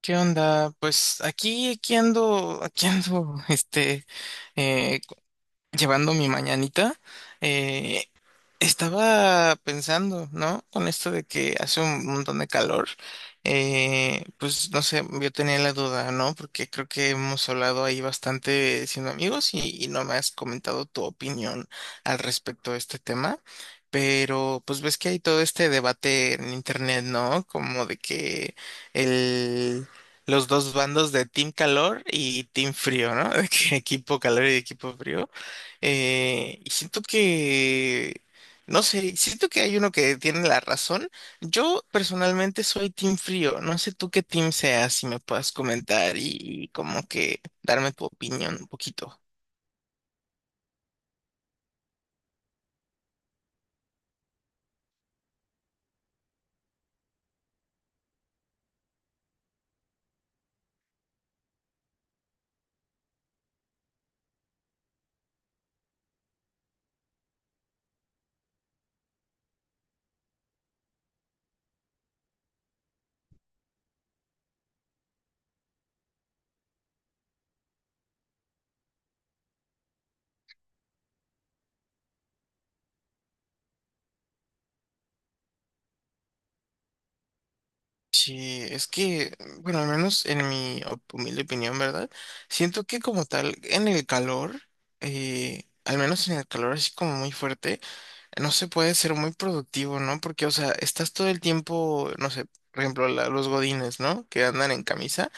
¿Qué onda? Pues aquí ando, aquí ando, eh, cu- llevando mi mañanita. eh, Estaba pensando, ¿no? Con esto de que hace un montón de calor, pues no sé, yo tenía la duda, ¿no? Porque creo que hemos hablado ahí bastante siendo amigos y no me has comentado tu opinión al respecto de este tema, pero pues ves que hay todo este debate en internet, ¿no? Como de que el... los dos bandos de Team Calor y Team Frío, ¿no? De que equipo calor y equipo frío. Y siento que no sé, siento que hay uno que tiene la razón. Yo personalmente soy team frío. No sé tú qué team seas, si me puedas comentar y como que darme tu opinión un poquito. Sí, es que, bueno, al menos en mi humilde opinión, ¿verdad? Siento que como tal, en el calor, al menos en el calor así como muy fuerte no se puede ser muy productivo, ¿no? Porque, o sea, estás todo el tiempo, no sé, por ejemplo, los godines, ¿no? Que andan en camisa.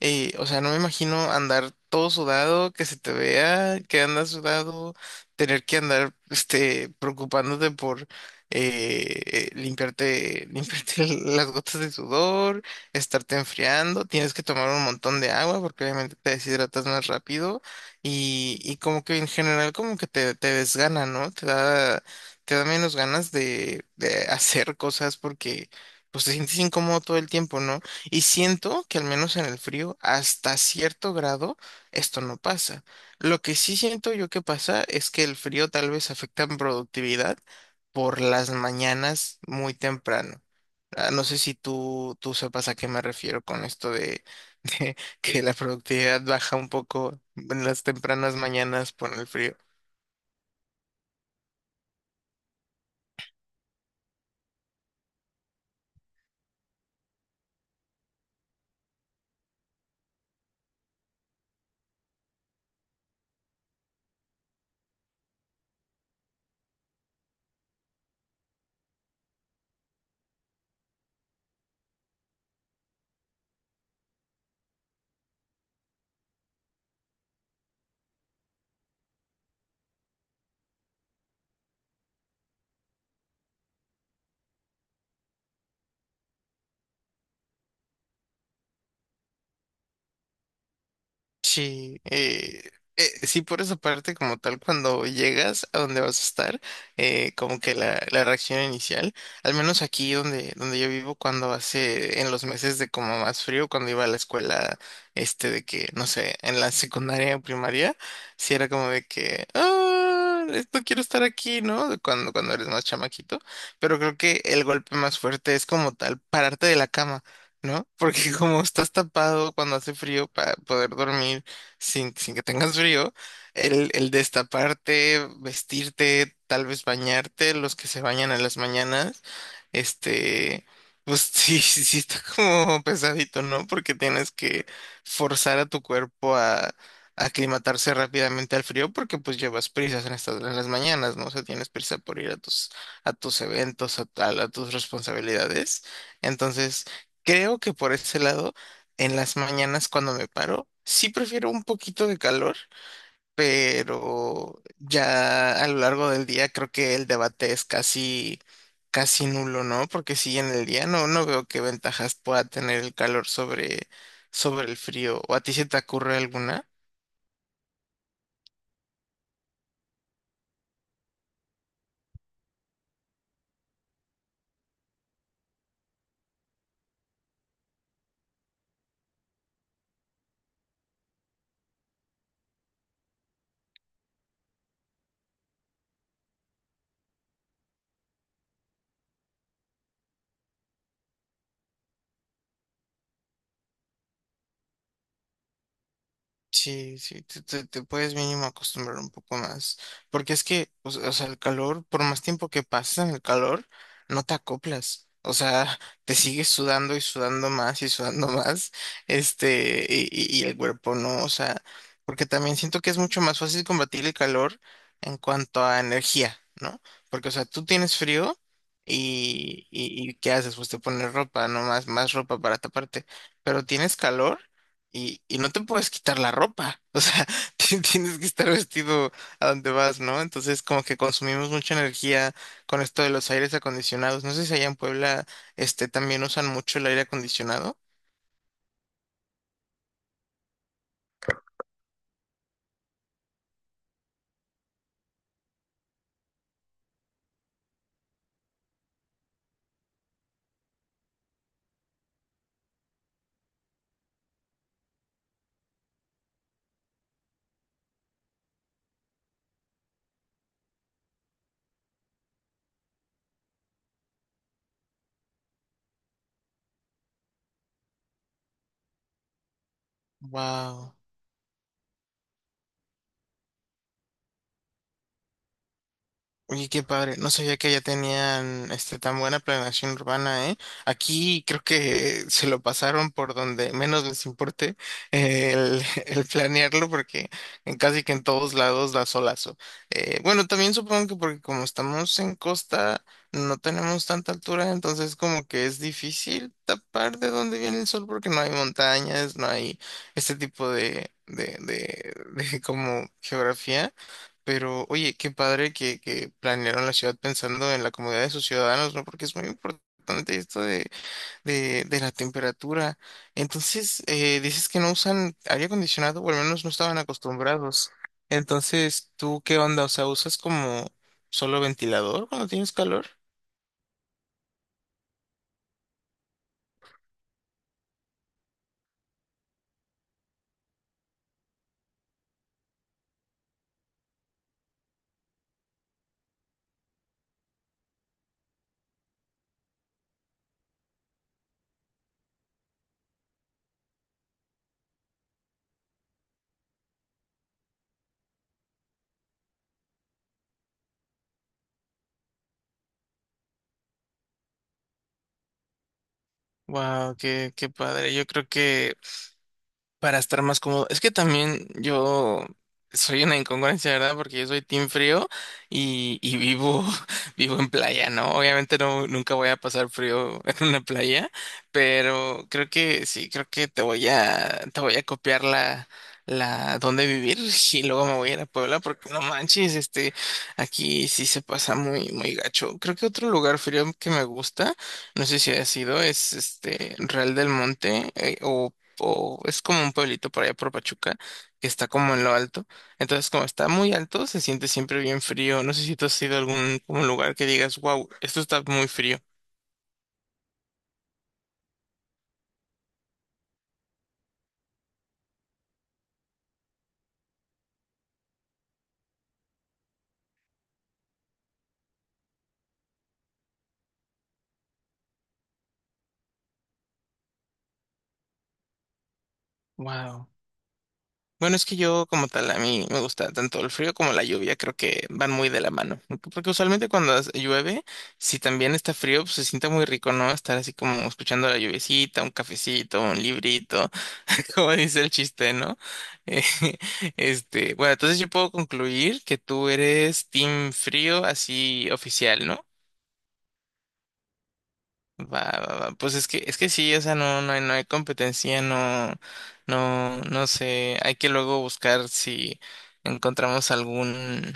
O sea, no me imagino andar todo sudado, que se te vea, que andas sudado, tener que andar, este, preocupándote por limpiarte, limpiarte las gotas de sudor, estarte enfriando, tienes que tomar un montón de agua porque obviamente te deshidratas más rápido y como que en general como que te desgana, ¿no? Te da menos ganas de hacer cosas porque pues te sientes incómodo todo el tiempo, ¿no? Y siento que al menos en el frío, hasta cierto grado, esto no pasa. Lo que sí siento yo que pasa es que el frío tal vez afecta en productividad por las mañanas muy temprano. Ah, no sé si tú sepas a qué me refiero con esto de, de que la productividad baja un poco en las tempranas mañanas por el frío. Sí, sí, por esa parte, como tal, cuando llegas a donde vas a estar, como que la reacción inicial, al menos aquí donde, donde yo vivo, cuando hace, en los meses de como más frío, cuando iba a la escuela, este, de que, no sé, en la secundaria o primaria, sí era como de que, ah, no quiero estar aquí, ¿no? De cuando, cuando eres más chamaquito, pero creo que el golpe más fuerte es como tal, pararte de la cama, ¿no? Porque como estás tapado cuando hace frío para poder dormir sin que tengas frío, el destaparte, vestirte, tal vez bañarte, los que se bañan en las mañanas, este, pues sí está como pesadito, ¿no? Porque tienes que forzar a tu cuerpo a aclimatarse rápidamente al frío porque pues llevas prisas en estas en las mañanas, ¿no? O sea, tienes prisa por ir a tus eventos, a a tus responsabilidades. Entonces, creo que por ese lado, en las mañanas cuando me paro, sí prefiero un poquito de calor, pero ya a lo largo del día creo que el debate es casi, casi nulo, ¿no? Porque si en el día no veo qué ventajas pueda tener el calor sobre, sobre el frío. ¿O a ti se te ocurre alguna? Sí, sí, te puedes mínimo acostumbrar un poco más, porque es que, o sea, el calor, por más tiempo que pasas en el calor, no te acoplas, o sea, te sigues sudando y sudando más y sudando más, este, y el cuerpo no, o sea, porque también siento que es mucho más fácil combatir el calor en cuanto a energía, ¿no? Porque, o sea, tú tienes frío y ¿qué haces? Pues te pones ropa, no más, más ropa para taparte, pero tienes calor y no te puedes quitar la ropa, o sea, tienes que estar vestido a donde vas, ¿no? Entonces como que consumimos mucha energía con esto de los aires acondicionados. No sé si allá en Puebla, este, también usan mucho el aire acondicionado. Wow. Oye, qué padre. No sabía que allá tenían este tan buena planeación urbana, ¿eh? Aquí creo que se lo pasaron por donde menos les importe eh, el, el planearlo, porque en casi que en todos lados da solazo. Bueno, también supongo que porque como estamos en costa, no tenemos tanta altura, entonces como que es difícil tapar de dónde viene el sol, porque no hay montañas, no hay este tipo de como geografía. Pero, oye, qué padre que planearon la ciudad pensando en la comodidad de sus ciudadanos, ¿no? Porque es muy importante esto de la temperatura. Entonces, dices que no usan aire acondicionado, o al menos no estaban acostumbrados. Entonces, ¿tú qué onda? O sea, ¿usas como solo ventilador cuando tienes calor? Wow, qué padre. Yo creo que para estar más cómodo. Es que también yo soy una incongruencia, ¿verdad? Porque yo soy team frío y vivo, vivo en playa, ¿no? Obviamente no, nunca voy a pasar frío en una playa, pero creo que sí, creo que te voy a copiar dónde vivir y luego me voy a ir a Puebla porque no manches, este, aquí sí se pasa muy, muy gacho. Creo que otro lugar frío que me gusta. No sé si ha sido, es este Real del Monte, o es como un pueblito por allá por Pachuca, que está como en lo alto. Entonces, como está muy alto, se siente siempre bien frío. No sé si tú has ido a algún un lugar que digas, wow, esto está muy frío. Wow. Bueno, es que yo como tal, a mí me gusta tanto el frío como la lluvia, creo que van muy de la mano. Porque usualmente cuando llueve, si también está frío, pues se siente muy rico, ¿no? Estar así como escuchando la lluviecita, un cafecito, un librito, como dice el chiste, ¿no? Eh, este, bueno, entonces yo puedo concluir que tú eres team frío así oficial, ¿no? Va, va, va. Pues es que sí, o sea, no hay competencia, no sé, hay que luego buscar si encontramos algún,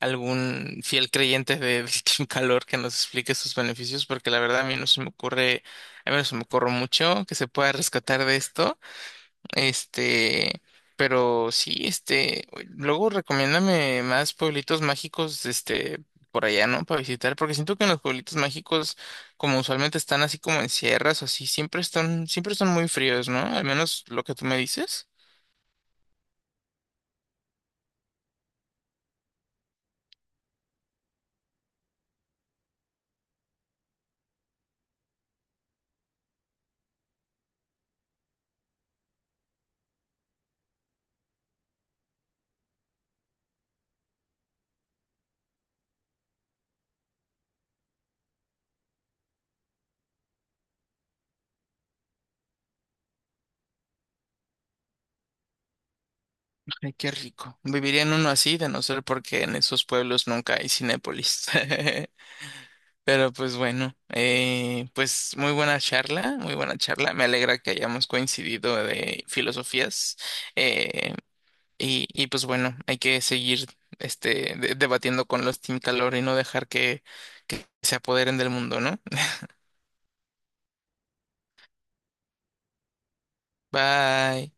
algún fiel creyente del Team Calor que nos explique sus beneficios, porque la verdad a mí no se me ocurre, a mí no se me ocurre mucho que se pueda rescatar de esto. Este, pero sí, este, luego recomiéndame más pueblitos mágicos, este, por allá, ¿no? Para visitar, porque siento que en los pueblitos mágicos, como usualmente están así como en sierras o así, siempre están muy fríos, ¿no? Al menos lo que tú me dices. Ay, qué rico. Viviría en uno así, de no ser porque en esos pueblos nunca hay Cinépolis. Pero pues bueno, pues muy buena charla, muy buena charla. Me alegra que hayamos coincidido de filosofías. Eh, y pues bueno, hay que seguir este, debatiendo con los Team Calor y no dejar que se apoderen del mundo, ¿no? Bye.